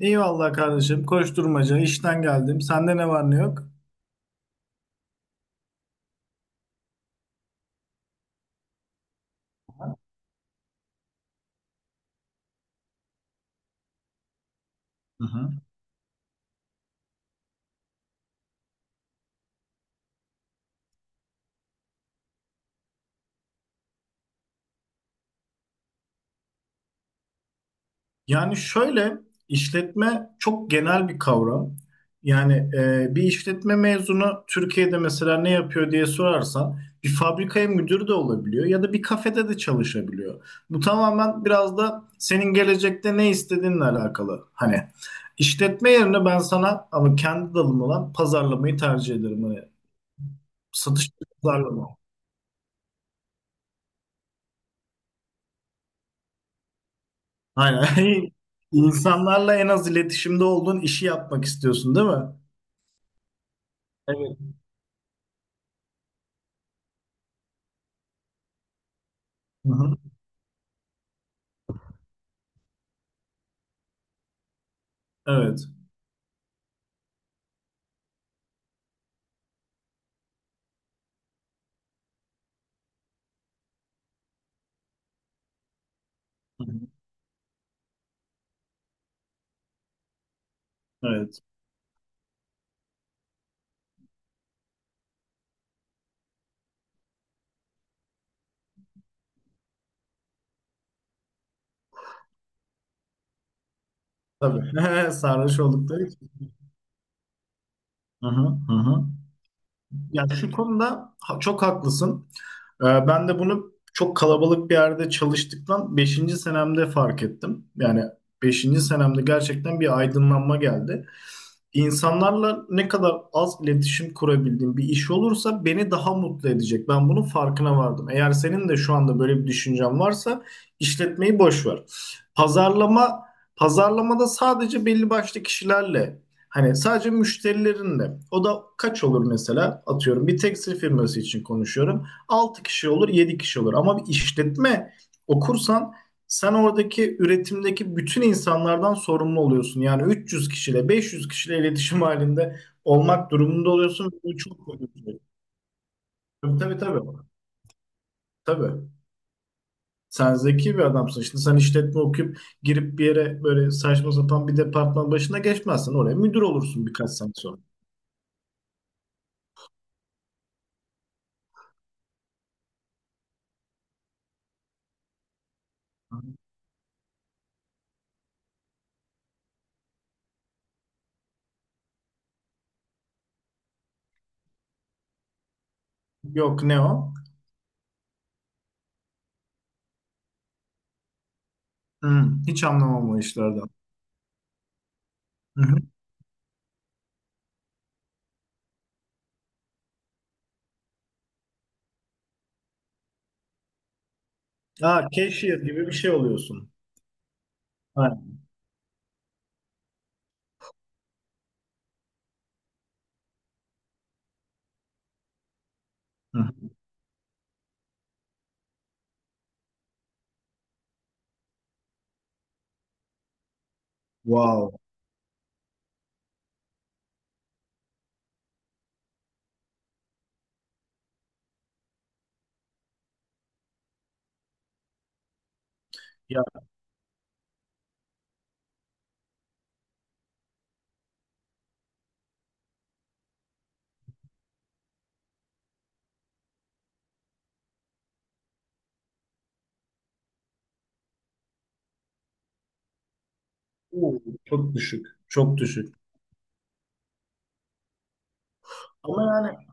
İyi, eyvallah kardeşim. Koşturmaca. İşten geldim. Sende ne var ne yok? Hı hı. Yani şöyle işletme çok genel bir kavram. Yani bir işletme mezunu Türkiye'de mesela ne yapıyor diye sorarsan bir fabrikaya müdür de olabiliyor ya da bir kafede de çalışabiliyor. Bu tamamen biraz da senin gelecekte ne istediğinle alakalı. Hani işletme yerine ben sana ama kendi dalım olan pazarlamayı tercih ederim. Hani satış ve pazarlama. Aynen. İnsanlarla en az iletişimde olduğun işi yapmak istiyorsun, değil mi? Evet. Hı-hı. Evet. Hı-hı. Evet. Tabii. Sarhoş oldukları için. Hı-hı. Hı-hı. Ya şu konuda çok haklısın. Ben de bunu çok kalabalık bir yerde çalıştıktan beşinci senemde fark ettim. Yani beşinci senemde gerçekten bir aydınlanma geldi. İnsanlarla ne kadar az iletişim kurabildiğim bir iş olursa beni daha mutlu edecek. Ben bunun farkına vardım. Eğer senin de şu anda böyle bir düşüncen varsa işletmeyi boş ver. Pazarlama pazarlamada sadece belli başlı kişilerle hani sadece müşterilerinle, o da kaç olur mesela, atıyorum bir tekstil firması için konuşuyorum. 6 kişi olur, 7 kişi olur, ama bir işletme okursan sen oradaki üretimdeki bütün insanlardan sorumlu oluyorsun. Yani 300 kişiyle 500 kişiyle iletişim halinde olmak durumunda oluyorsun. Bu çok kötü bir şey. Tabii, tabii, tabii. Tabii. Sen zeki bir adamsın. Şimdi sen işletme okuyup girip bir yere böyle saçma sapan bir departman başına geçmezsin. Oraya müdür olursun birkaç sene sonra. Yok, ne o? Hı, hiç anlamam o işlerden. Hı hı. Aa, cashier gibi bir şey oluyorsun. Aynen. Hı hı. Wow. Ya, oo, çok düşük. Çok düşük. Ama yani.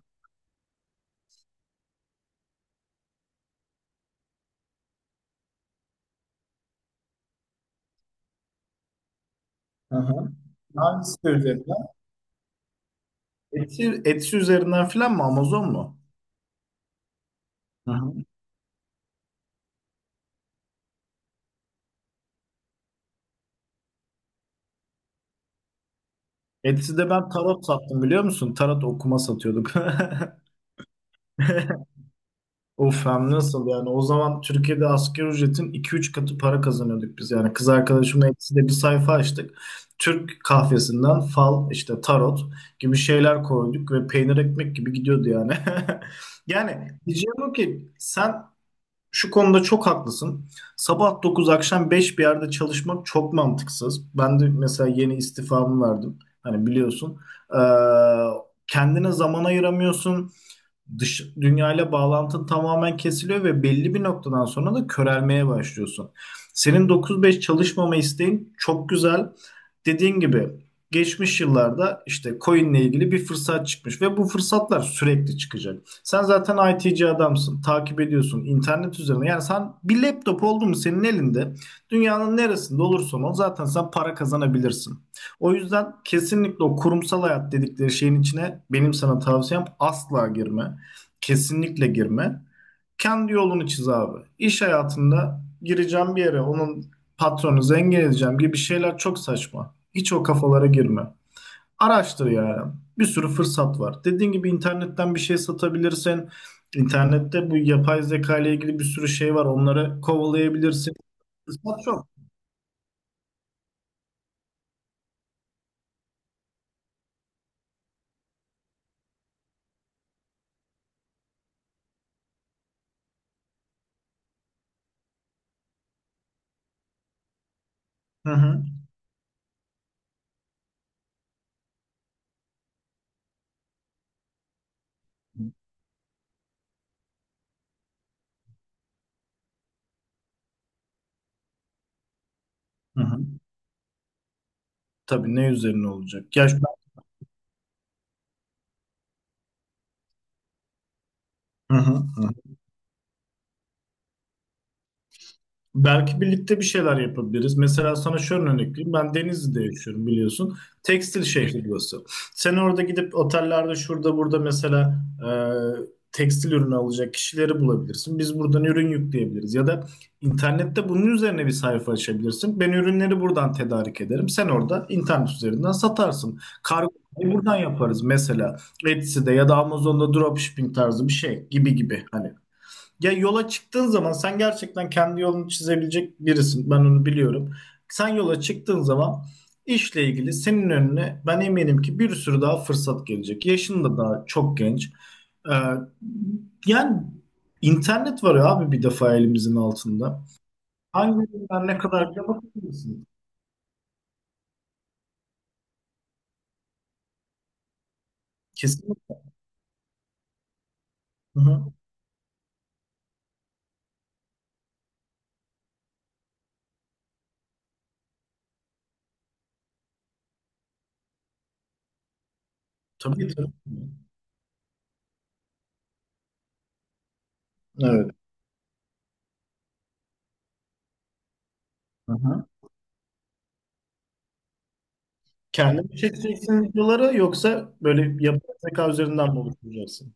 Aha. Hangisi üzerinden? Etsy, Etsy üzerinden filan mı? Amazon mu? Aha. Etsy'de ben tarot sattım, biliyor musun? Tarot okuma satıyorduk. Of, hem nasıl! Yani o zaman Türkiye'de asgari ücretin iki üç katı para kazanıyorduk biz. Yani kız arkadaşımla Etsy'de bir sayfa açtık. Türk kahvesinden fal, işte tarot gibi şeyler koyduk ve peynir ekmek gibi gidiyordu yani. Yani diyeceğim o ki sen şu konuda çok haklısın. Sabah 9 akşam 5 bir yerde çalışmak çok mantıksız. Ben de mesela yeni istifamı verdim. Hani biliyorsun. Ee, kendine zaman ayıramıyorsun. Dış dünyayla bağlantın tamamen kesiliyor ve belli bir noktadan sonra da körelmeye başlıyorsun. Senin 9-5 çalışmama isteğin çok güzel. Dediğin gibi geçmiş yıllarda işte coin'le ilgili bir fırsat çıkmış ve bu fırsatlar sürekli çıkacak. Sen zaten IT'ci adamsın, takip ediyorsun internet üzerine. Yani sen bir laptop oldu mu senin elinde, dünyanın neresinde olursan ol zaten sen para kazanabilirsin. O yüzden kesinlikle o kurumsal hayat dedikleri şeyin içine benim sana tavsiyem asla girme. Kesinlikle girme. Kendi yolunu çiz abi. İş hayatında gireceğim bir yere, onun patronu zengin edeceğim gibi şeyler çok saçma. Hiç o kafalara girme. Araştır ya. Bir sürü fırsat var. Dediğin gibi internetten bir şey satabilirsin. İnternette bu yapay zeka ile ilgili bir sürü şey var. Onları kovalayabilirsin. Fırsat çok. Hı hı. Hı hı. Tabii, ne üzerine olacak? Ya şu- Hı hı. Belki birlikte bir şeyler yapabiliriz. Mesela sana şöyle örnek vereyim. Ben Denizli'de yaşıyorum, biliyorsun. Tekstil şehri burası. Sen orada gidip otellerde şurada burada mesela tekstil ürünü alacak kişileri bulabilirsin. Biz buradan ürün yükleyebiliriz. Ya da internette bunun üzerine bir sayfa açabilirsin. Ben ürünleri buradan tedarik ederim. Sen orada internet üzerinden satarsın. Kargo buradan yaparız mesela. Etsy'de ya da Amazon'da dropshipping tarzı bir şey gibi gibi. Hani ya, yola çıktığın zaman sen gerçekten kendi yolunu çizebilecek birisin. Ben onu biliyorum. Sen yola çıktığın zaman işle ilgili senin önüne ben eminim ki bir sürü daha fırsat gelecek. Yaşın da daha çok genç. Ee, yani internet var ya abi, bir defa elimizin altında. Hangisinden ne kadar bile bakabilirsin. Kesinlikle. Hı-hı. Tabii, tabii. Evet. Hı-hı. Kendin mi çekeceksin videoları, yoksa böyle yapay zeka üzerinden mi oluşturacaksın?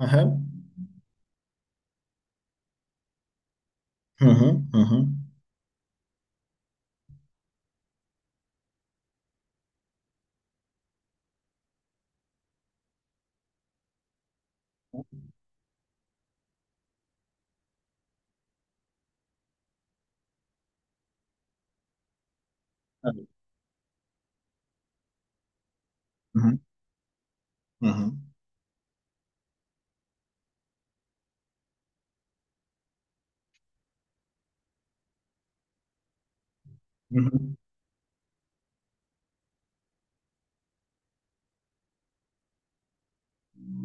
Hı-hı. Hı-hı. Hı-hı. Evet. Hı hı. Hı hı. Hı hı.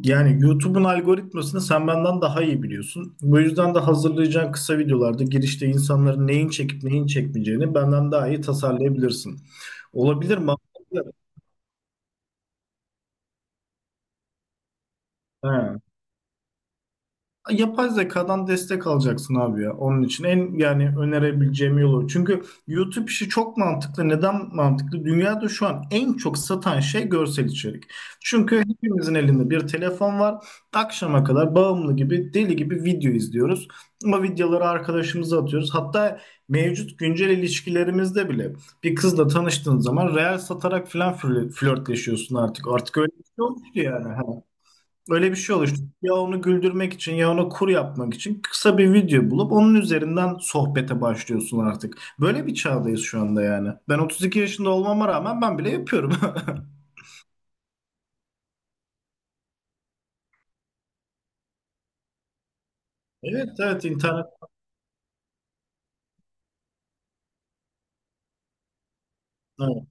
Yani YouTube'un algoritmasını sen benden daha iyi biliyorsun. Bu yüzden de hazırlayacağın kısa videolarda girişte insanların neyin çekip neyin çekmeyeceğini benden daha iyi tasarlayabilirsin. Olabilir mi? He. Yapay zekadan destek alacaksın abi ya, onun için. En yani önerebileceğim yolu. Çünkü YouTube işi çok mantıklı. Neden mantıklı? Dünyada şu an en çok satan şey görsel içerik. Çünkü hepimizin elinde bir telefon var. Akşama kadar bağımlı gibi, deli gibi video izliyoruz. Ama videoları arkadaşımıza atıyoruz. Hatta mevcut güncel ilişkilerimizde bile, bir kızla tanıştığın zaman reel satarak falan flörtleşiyorsun artık. Artık öyle bir şey olmuştu yani. Ha. Öyle bir şey oluştu. Ya onu güldürmek için, ya ona kur yapmak için kısa bir video bulup onun üzerinden sohbete başlıyorsun artık. Böyle bir çağdayız şu anda yani. Ben 32 yaşında olmama rağmen ben bile yapıyorum. Evet, evet, internet. Evet.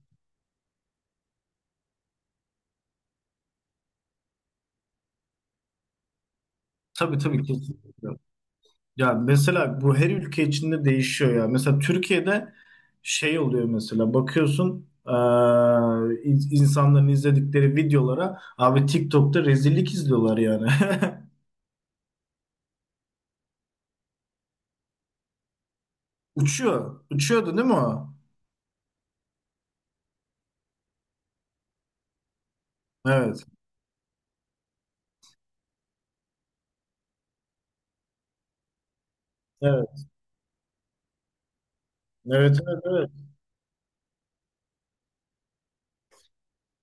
Tabii, tabii, kesinlikle. Ya mesela bu her ülke içinde değişiyor ya. Mesela Türkiye'de şey oluyor. Mesela bakıyorsun insanların izledikleri videolara abi, TikTok'ta rezillik izliyorlar yani. Uçuyor. Uçuyordu değil mi o? Evet. Evet. Evet, evet, evet.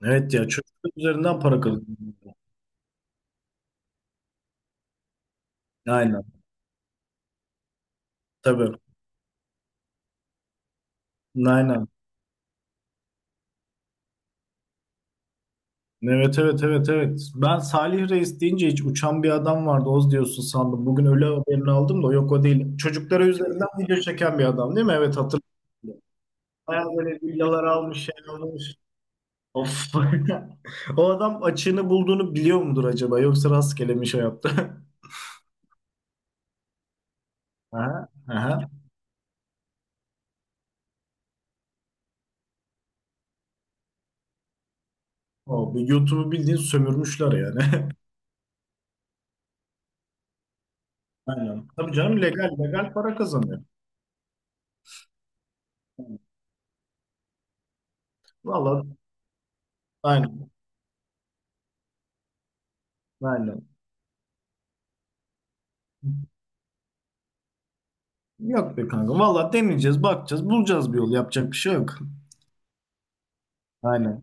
Evet, ya çocuklar üzerinden para kazanıyor. Aynen. Tabii. Aynen. Evet, evet, evet, evet. Ben Salih Reis deyince hiç uçan bir adam vardı Oz diyorsun sandım. Bugün öyle haberini aldım da, yok o değil. Çocuklara üzerinden video çeken bir adam değil mi? Evet, hatırlıyorum. Bayağı böyle villalar almış, şey almış. Of. O adam açığını bulduğunu biliyor mudur acaba? Yoksa rastgele mi şey yaptı? Aha, aha. O, bir YouTube'u bildiğin sömürmüşler yani. Aynen. Tabii canım, legal legal para kazanıyor. Valla aynen. Aynen. Yok be kanka. Valla deneyeceğiz, bakacağız, bulacağız bir yol. Yapacak bir şey yok. Aynen.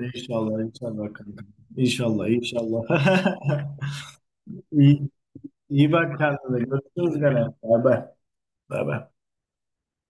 İnşallah, inşallah kanka. İnşallah, inşallah. İyi, iyi bak kendine. Görüşürüz gene. Bay bay. Bay bay.